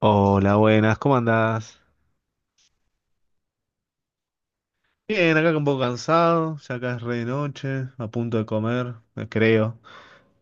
Hola, buenas, ¿cómo andás? Bien, acá un poco cansado, ya acá es re de noche, a punto de comer, creo.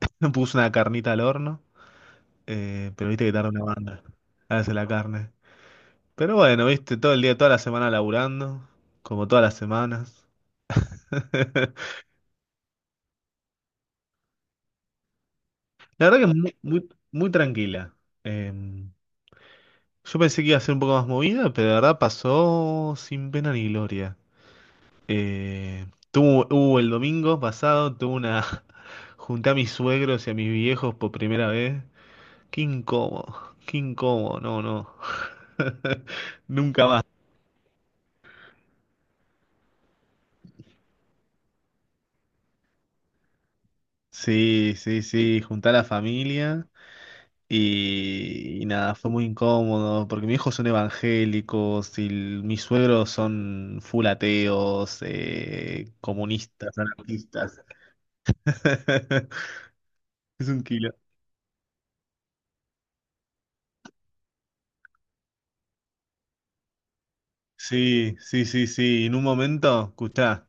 Me puse una carnita al horno, pero viste que tarda una banda. Hace la carne. Pero bueno, viste, todo el día, toda la semana laburando, como todas las semanas. La verdad que es muy, muy, muy tranquila. Eh, yo pensé que iba a ser un poco más movida, pero la verdad pasó sin pena ni gloria. Eh, hubo el domingo pasado, tuve una... Junté a mis suegros y a mis viejos por primera vez. Qué incómodo, no, no. Nunca más. Sí, sí, sí, junté a la familia y, nada, fue muy incómodo porque mis hijos son evangélicos y mis suegros son full ateos, comunistas, anarquistas. Es un kilo. Sí, sí, sí, sí. En un momento, escuchá.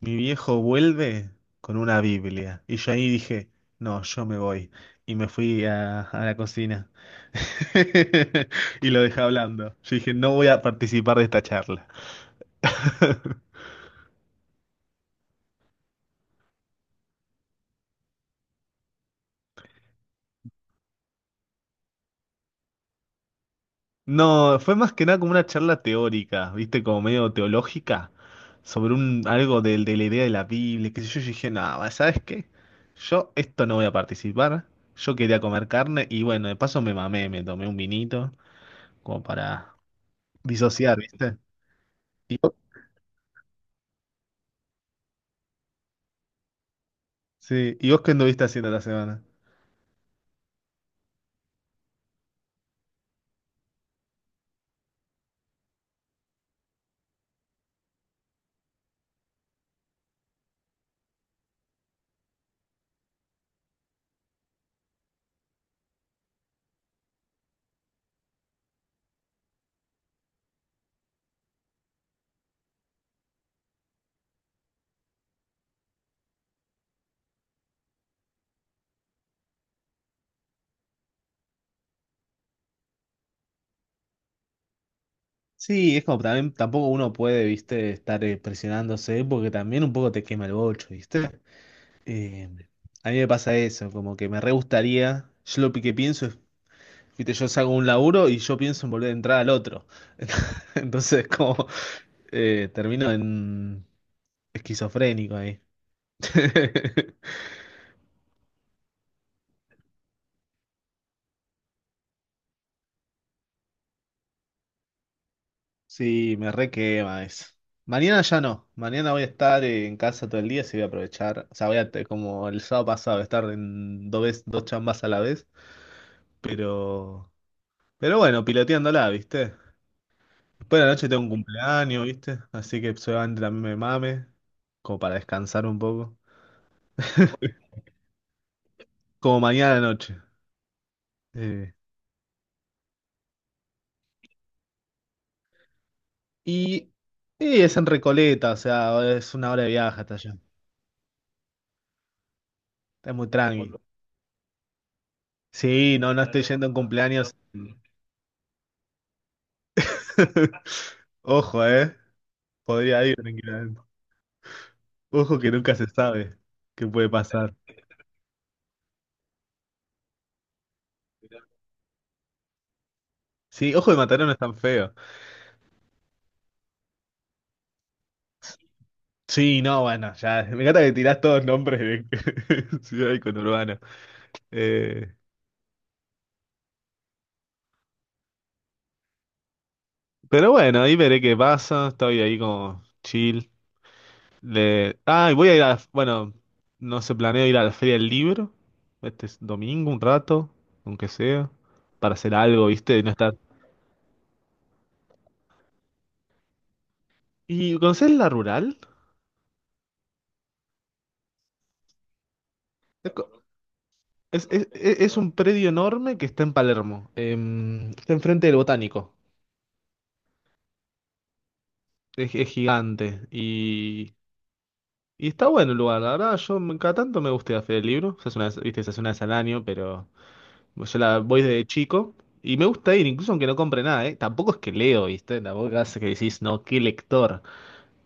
Mi viejo vuelve con una Biblia. Y yo ahí dije, no, yo me voy. Y me fui a la cocina. Y lo dejé hablando. Yo dije, no voy a participar de esta charla. No, fue más que nada como una charla teórica, ¿viste? Como medio teológica, sobre algo de, la idea de la Biblia, qué sé yo. Yo dije, no, ¿sabes qué? Yo esto no voy a participar. Yo quería comer carne y bueno, de paso me mamé, me tomé un vinito como para disociar, ¿viste? Sí, ¿y vos qué anduviste haciendo la semana? Sí, es como también tampoco uno puede, viste, estar presionándose porque también un poco te quema el bocho, ¿viste? Eh, a mí me pasa eso, como que me re gustaría, yo lo que pienso es, viste, yo salgo de un laburo y yo pienso en volver a entrar al otro. Entonces, como termino en esquizofrénico ahí. Sí, me re quema eso. Mañana ya no. Mañana voy a estar en casa todo el día, así voy a aprovechar. O sea, voy a, como el sábado pasado, estar en dos chambas a la vez. Pero, pero bueno, piloteándola, ¿viste? Después de la noche tengo un cumpleaños, ¿viste? Así que seguramente también me mame, como para descansar un poco. Como mañana de noche. Eh, y, y es en Recoleta, o sea, es una hora de viaje hasta allá. Está muy tranqui. Sí, no, no estoy yendo en cumpleaños. Ojo, ¿eh? Podría ir tranquilamente. Ojo que nunca se sabe qué puede pasar. Sí, ojo de Mataró no es tan feo. Sí, no, bueno, ya. Me encanta que tirás todos nombres de ciudad y conurbano. Eh, pero bueno, ahí veré qué pasa. Estoy ahí como chill. Le... Ah, y voy a ir a. Bueno, no se planeo ir a la Feria del Libro. Este es domingo, un rato, aunque sea. Para hacer algo, ¿viste? Y no estar. ¿Y conoces la rural? Es un predio enorme que está en Palermo. Está enfrente del Botánico. Es gigante. Y está bueno el lugar. La verdad, cada tanto me gusta ir a la Feria del Libro. Se hace viste, se hace una vez al año, pero yo la voy desde chico. Y me gusta ir, incluso aunque no compre nada, ¿eh? Tampoco es que leo, ¿viste? Tampoco hace que decís, no, qué lector.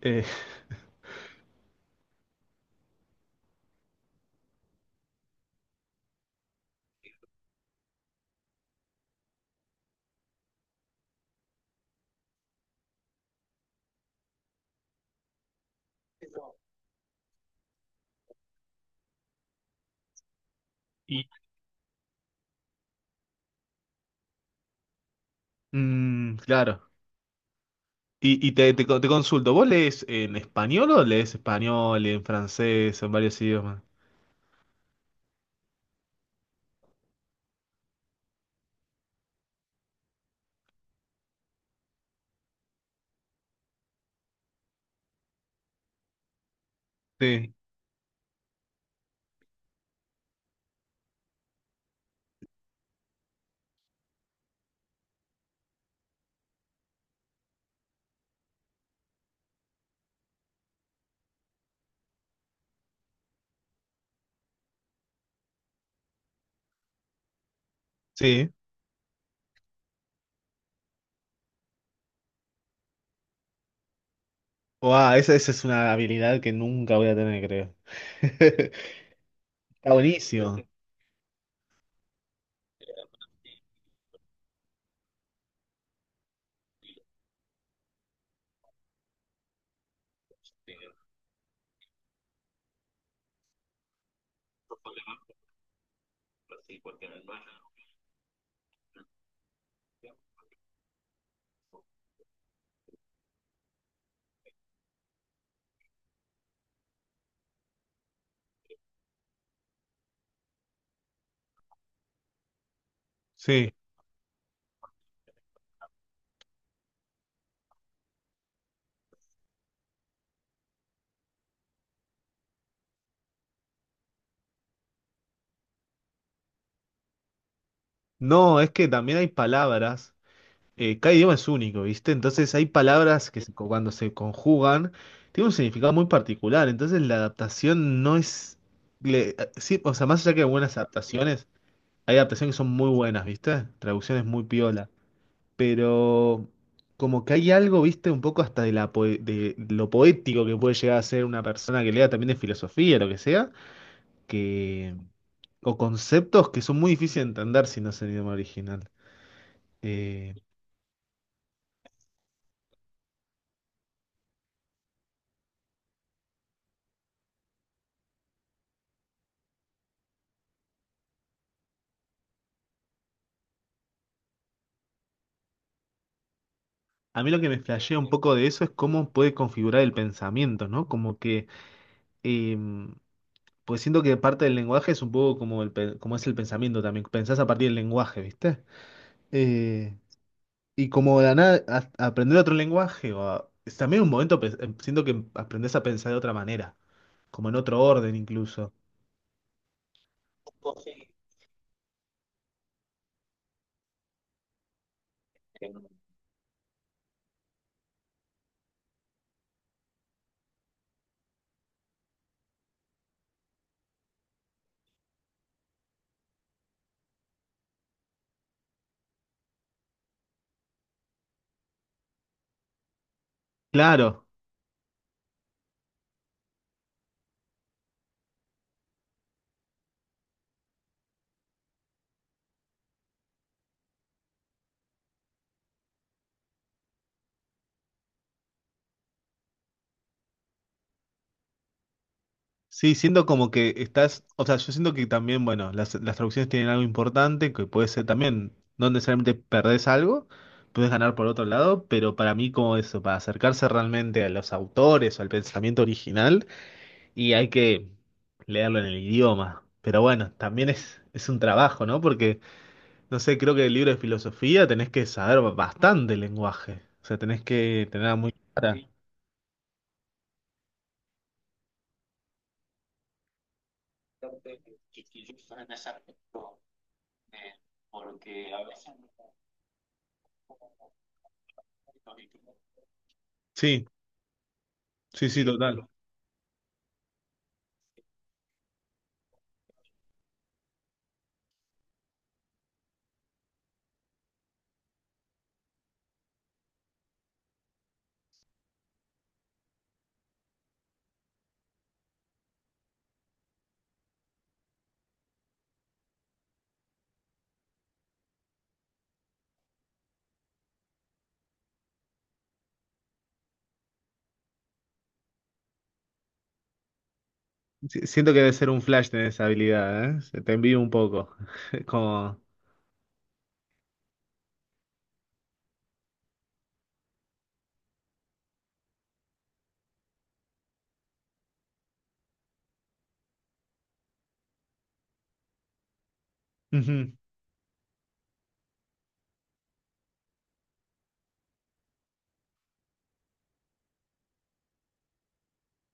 Eh, y, mm, claro. Y, te consulto, ¿vos lees en español o lees español, en francés, en varios idiomas? Sí, sí. Wow, esa es una habilidad que nunca voy a tener, creo. Está buenísimo. Sí. No, es que también hay palabras. Cada idioma es único, ¿viste? Entonces hay palabras que cuando se conjugan tienen un significado muy particular. Entonces la adaptación no es. Sí, o sea, más allá que buenas adaptaciones, hay adaptaciones que son muy buenas, ¿viste? Traducciones muy piola. Pero como que hay algo, viste, un poco hasta de, de lo poético que puede llegar a ser una persona que lea también de filosofía, lo que sea, que, o conceptos que son muy difíciles de entender si no es el idioma original. Eh, a mí lo que me flashea un poco de eso es cómo puede configurar el pensamiento, ¿no? Como que, eh, pues siento que parte del lenguaje es un poco como, como es el pensamiento también, pensás a partir del lenguaje, ¿viste? Eh, Y como de la nada, aprender otro lenguaje, es también un momento, siento que aprendes a pensar de otra manera, como en otro orden incluso. Claro, sí, siento como que estás, o sea, yo siento que también, bueno, las traducciones tienen algo importante, que puede ser también, no necesariamente perdés algo, puedes ganar por otro lado, pero para mí como eso, para acercarse realmente a los autores o al pensamiento original, y hay que leerlo en el idioma. Pero bueno, también es un trabajo, ¿no? Porque... No sé, creo que el libro de filosofía tenés que saber bastante lenguaje. O sea, tenés que tenerla muy clara. Sí, sí, sí, total. Sí, siento que debe ser un flash tener esa habilidad, ¿eh? Se te envío un poco. Como. Ujú.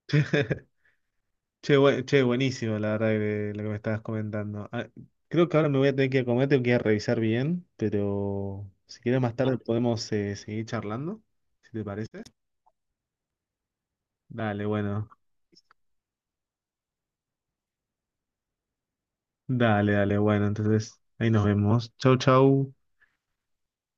Che, che, buenísimo, la verdad, lo que me estabas comentando. Ah, creo que ahora me voy a tener que ir a comer, tengo que ir a revisar bien, pero si quieres más tarde podemos seguir charlando, si te parece. Dale, bueno. Dale, dale, bueno. Entonces, ahí nos vemos. Chau, chau.